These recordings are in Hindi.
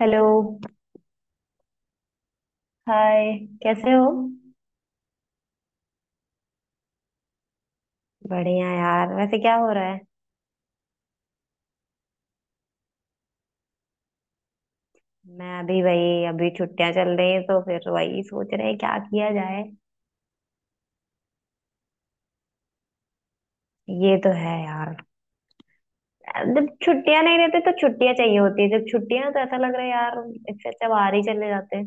हेलो। हाय, कैसे हो? बढ़िया यार। वैसे क्या हो रहा है? मैं अभी वही, अभी छुट्टियां चल रही हैं तो फिर वही सोच रहे हैं क्या किया जाए। ये तो है यार। जब छुट्टियां नहीं रहती तो छुट्टियां चाहिए होती है, जब छुट्टियां हैं तो ऐसा लग रहा है यार, इससे अच्छा बाहर ही चले जाते हैं।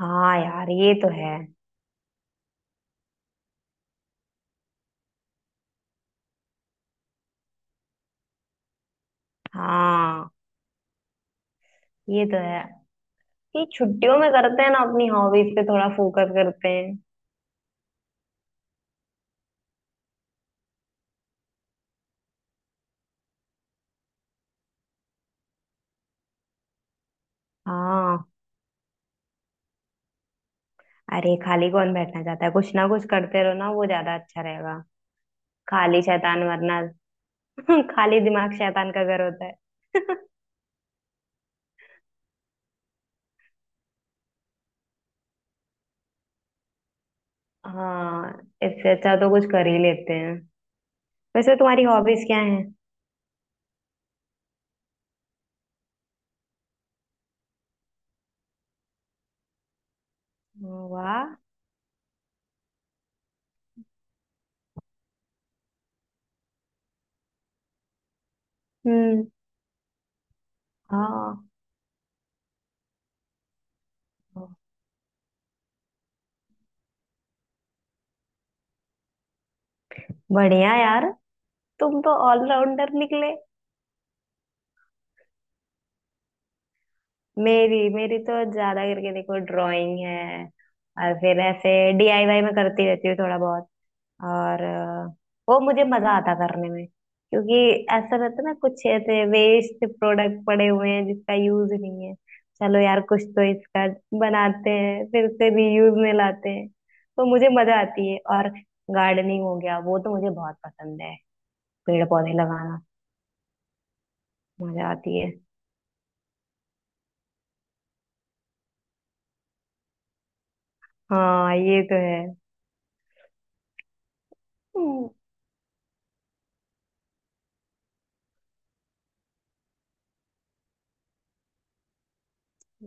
हाँ यार, ये तो है। हाँ, ये तो है। ये छुट्टियों में करते हैं ना अपनी हॉबीज पे थोड़ा फोकस करते हैं। हाँ, अरे खाली कौन बैठना चाहता है, कुछ ना कुछ करते रहो ना, वो ज्यादा अच्छा रहेगा। खाली शैतान वरना। खाली दिमाग शैतान का घर होता है। हाँ, इससे अच्छा तो कुछ कर ही लेते हैं। वैसे तुम्हारी हॉबीज क्या हैं? वाह। हम्म। हाँ। बढ़िया यार, तुम तो ऑलराउंडर निकले। मेरी मेरी तो ज्यादा करके देखो ड्राइंग है, और फिर ऐसे डीआईवाई में करती रहती हूँ थोड़ा बहुत। और वो मुझे मजा आता करने में, क्योंकि ऐसा रहता है ना कुछ ऐसे वेस्ट प्रोडक्ट पड़े हुए हैं जिसका यूज नहीं है। चलो यार कुछ तो इसका बनाते हैं, फिर उसे रीयूज में लाते हैं। तो मुझे मजा आती है। और गार्डनिंग हो गया, वो तो मुझे बहुत पसंद है, पेड़ पौधे लगाना। मजा आती है। हाँ ये तो है। हम्म,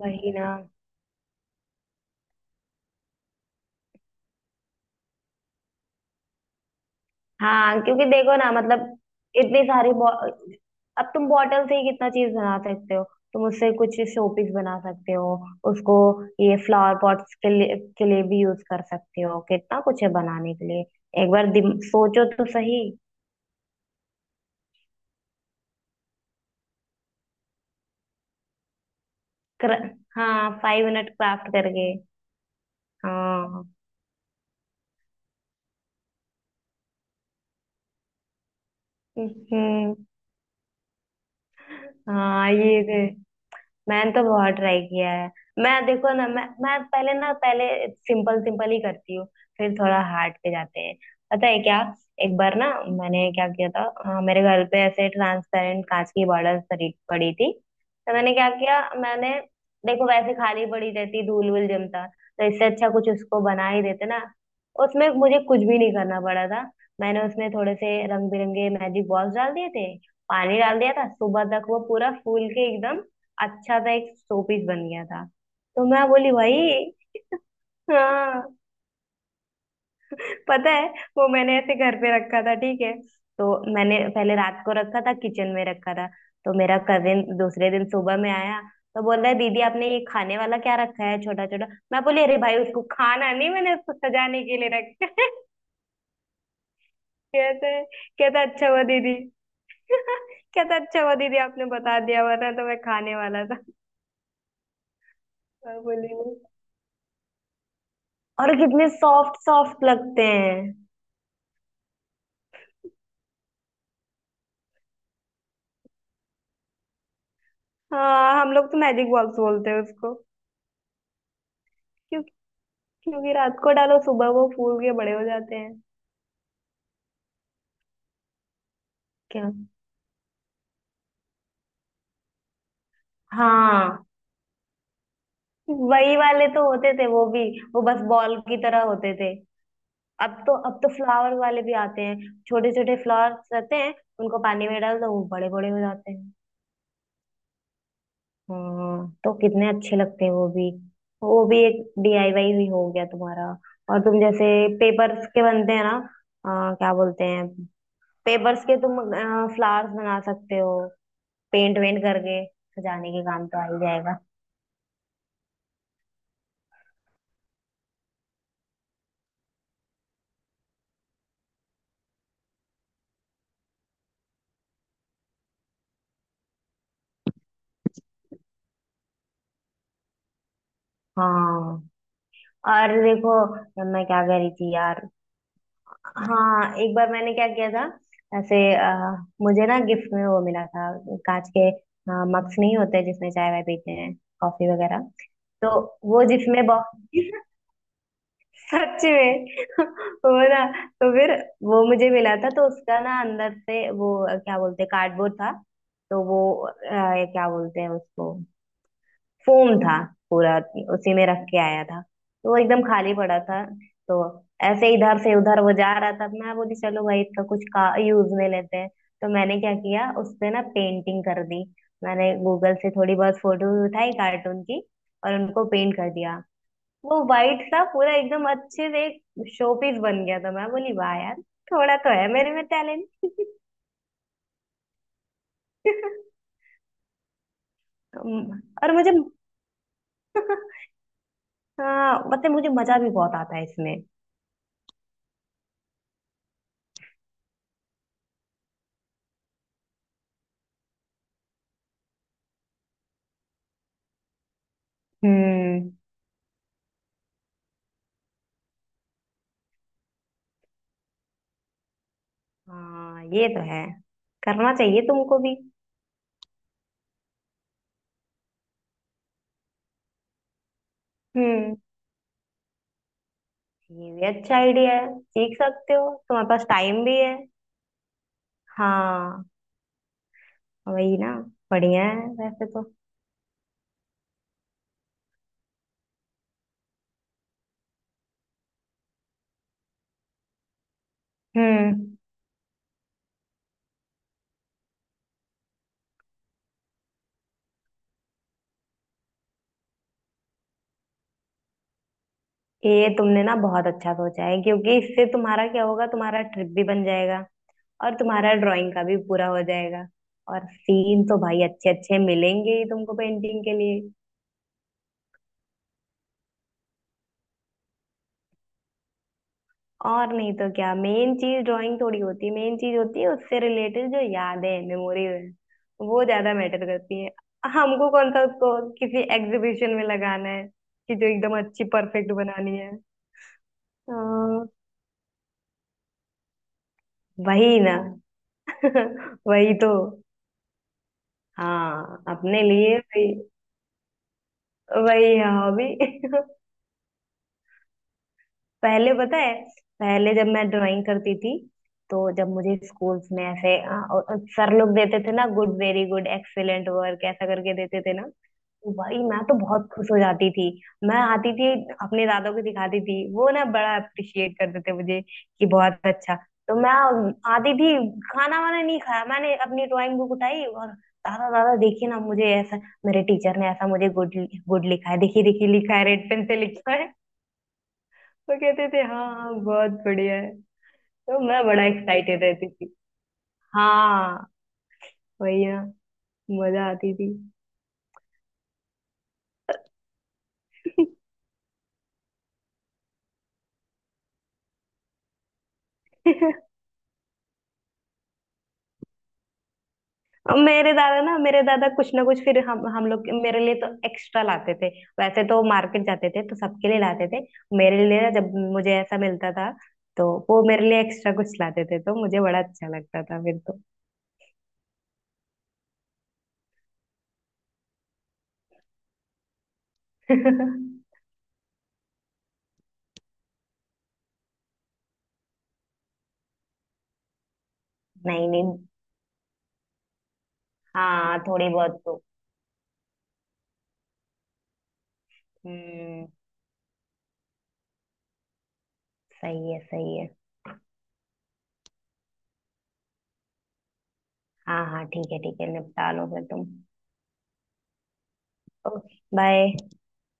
वही ना। हाँ, क्योंकि देखो ना मतलब इतनी सारी अब तुम बॉटल से ही कितना चीज बना सकते हो। तुम उससे कुछ शोपीस बना सकते हो उसको, ये फ्लावर पॉट्स के लिए भी यूज कर सकते हो। कितना कुछ है बनाने के लिए। एक बार सोचो तो सही। कर, हाँ, 5 मिनट क्राफ्ट करके। हाँ। हम्म। हम्म, हाँ ये है। मैंने तो बहुत ट्राई किया है। मैं देखो ना, मैं पहले ना, पहले सिंपल सिंपल ही करती हूँ, फिर थोड़ा हार्ड पे जाते हैं। पता है क्या, एक बार ना, मैंने क्या किया था? मेरे घर पे ऐसे ट्रांसपेरेंट कांच की बॉर्डर पड़ी पड़ी थी। तो मैंने क्या किया, मैंने, देखो वैसे खाली पड़ी रहती, धूल वूल जमता, तो इससे अच्छा कुछ उसको बना ही देते ना। उसमें मुझे कुछ भी नहीं करना पड़ा था। मैंने उसमें थोड़े से रंग बिरंगे मैजिक बॉल्स डाल दिए थे, पानी डाल दिया था, सुबह तक वो पूरा फूल के एकदम अच्छा सा एक शो पीस बन गया था। तो मैं बोली भाई, हाँ पता है, वो मैंने ऐसे घर पे रखा था ठीक है? तो मैंने पहले रात को रखा था, किचन में रखा था, तो मेरा कजिन दूसरे दिन सुबह में आया, तो बोल रहा है दीदी आपने ये खाने वाला क्या रखा है छोटा छोटा। मैं बोली अरे भाई उसको खाना नहीं, मैंने उसको सजाने के लिए रखा है। कहते, कहता अच्छा हुआ दीदी। कहता अच्छा हुआ दीदी आपने बता दिया, वरना तो मैं खाने वाला था। मैं बोली, और कितने सॉफ्ट सॉफ्ट लगते हैं। हाँ, हम लोग तो मैजिक बॉक्स बोलते हैं उसको, क्योंकि, क्योंकि रात को डालो सुबह वो फूल के बड़े हो जाते हैं। क्या? हाँ वही वाले तो होते थे वो भी, वो बस बॉल की तरह होते थे। अब तो, अब तो फ्लावर वाले भी आते हैं, छोटे छोटे फ्लावर्स रहते हैं, उनको पानी में डाल दो वो बड़े बड़े हो जाते हैं। हाँ, तो कितने अच्छे लगते हैं वो भी। वो भी एक डीआईवाई भी हो गया तुम्हारा। और तुम जैसे पेपर्स के बनते हैं ना, क्या बोलते हैं, पेपर्स के तुम फ्लावर्स बना सकते हो, पेंट वेंट करके सजाने के काम तो आ ही जाएगा। हाँ, और देखो मैं क्या कह रही थी यार, हाँ, एक बार मैंने क्या किया था, ऐसे मुझे ना गिफ्ट में वो मिला था, कांच के मग्स नहीं होते जिसमें चाय वाय पीते हैं, कॉफी वगैरह। तो वो जिसमें बॉक्स सच में। वो ना, तो फिर वो मुझे मिला था तो उसका ना अंदर से वो क्या बोलते हैं कार्डबोर्ड था। तो वो ये क्या बोलते हैं उसको, फोम था पूरा, उसी में रख के आया था तो वो एकदम खाली पड़ा था। तो ऐसे इधर से उधर वो जा रहा था, मैं बोली चलो भाई इसका कुछ का यूज में लेते हैं। तो मैंने क्या किया, उस पे ना पेंटिंग कर दी। मैंने गूगल से थोड़ी बहुत फोटो उठाई कार्टून की, और उनको पेंट कर दिया। वो वाइट सा पूरा एकदम अच्छे से एक शोपीस बन गया था। मैं बोली वाह यार, थोड़ा तो है मेरे में टैलेंट। और मुझे हाँ मतलब मुझे मजा भी बहुत आता है इसमें। हम्म। हाँ ये तो है, करना चाहिए तुमको भी। हम्म, ये भी अच्छा आइडिया है, सीख सकते हो, तुम्हारे पास टाइम भी है। हाँ, वही ना, बढ़िया है वैसे तो। हम्म, ये तुमने ना बहुत अच्छा सोचा है, क्योंकि इससे तुम्हारा क्या होगा, तुम्हारा ट्रिप भी बन जाएगा और तुम्हारा ड्राइंग का भी पूरा हो जाएगा। और सीन तो भाई अच्छे अच्छे मिलेंगे ही तुमको पेंटिंग के लिए। और नहीं तो क्या, मेन चीज ड्राइंग थोड़ी होती है, मेन चीज होती है उससे रिलेटेड जो यादें मेमोरीज है, वो ज्यादा मैटर करती है। हमको कौन सा उसको किसी एग्जीबिशन में लगाना है कि जो एकदम अच्छी परफेक्ट बनानी है। हाँ, वही ना। वही तो। हाँ, अपने लिए वही, वही है हॉबी। पहले पता है, पहले जब मैं ड्राइंग करती थी, तो जब मुझे स्कूल्स में ऐसे सर लोग देते थे ना, good, very good, excellent work ऐसा करके देते थे ना, तो भाई मैं तो बहुत खुश हो जाती थी। मैं आती थी, अपने दादा को दिखाती थी, वो ना बड़ा अप्रिशिएट करते थे मुझे, कि बहुत अच्छा। तो मैं आती थी, खाना वाना नहीं खाया, मैंने अपनी ड्राइंग बुक उठाई और दादा दादा देखिए ना मुझे ऐसा, मेरे टीचर ने ऐसा मुझे गुड, गुड लिखा है, देखिए देखिए लिखा है, रेड पेन से लिखा। तो कहते थे हाँ हाँ बहुत बढ़िया है। तो मैं बड़ा एक्साइटेड रहती थी। हाँ, वही ना, मजा आती थी। और मेरे दादा ना, मेरे दादा कुछ ना कुछ, फिर हम लोग, मेरे लिए तो एक्स्ट्रा लाते थे। वैसे तो मार्केट जाते थे तो सबके लिए लाते थे, मेरे लिए ना जब मुझे ऐसा मिलता था तो वो मेरे लिए एक्स्ट्रा कुछ लाते थे, तो मुझे बड़ा अच्छा लगता था फिर तो। नहीं नहीं, हाँ थोड़ी बहुत तो। हम्म, सही है सही है। हाँ हाँ ठीक है ठीक है, निपटा लो फिर तुम। Okay bye.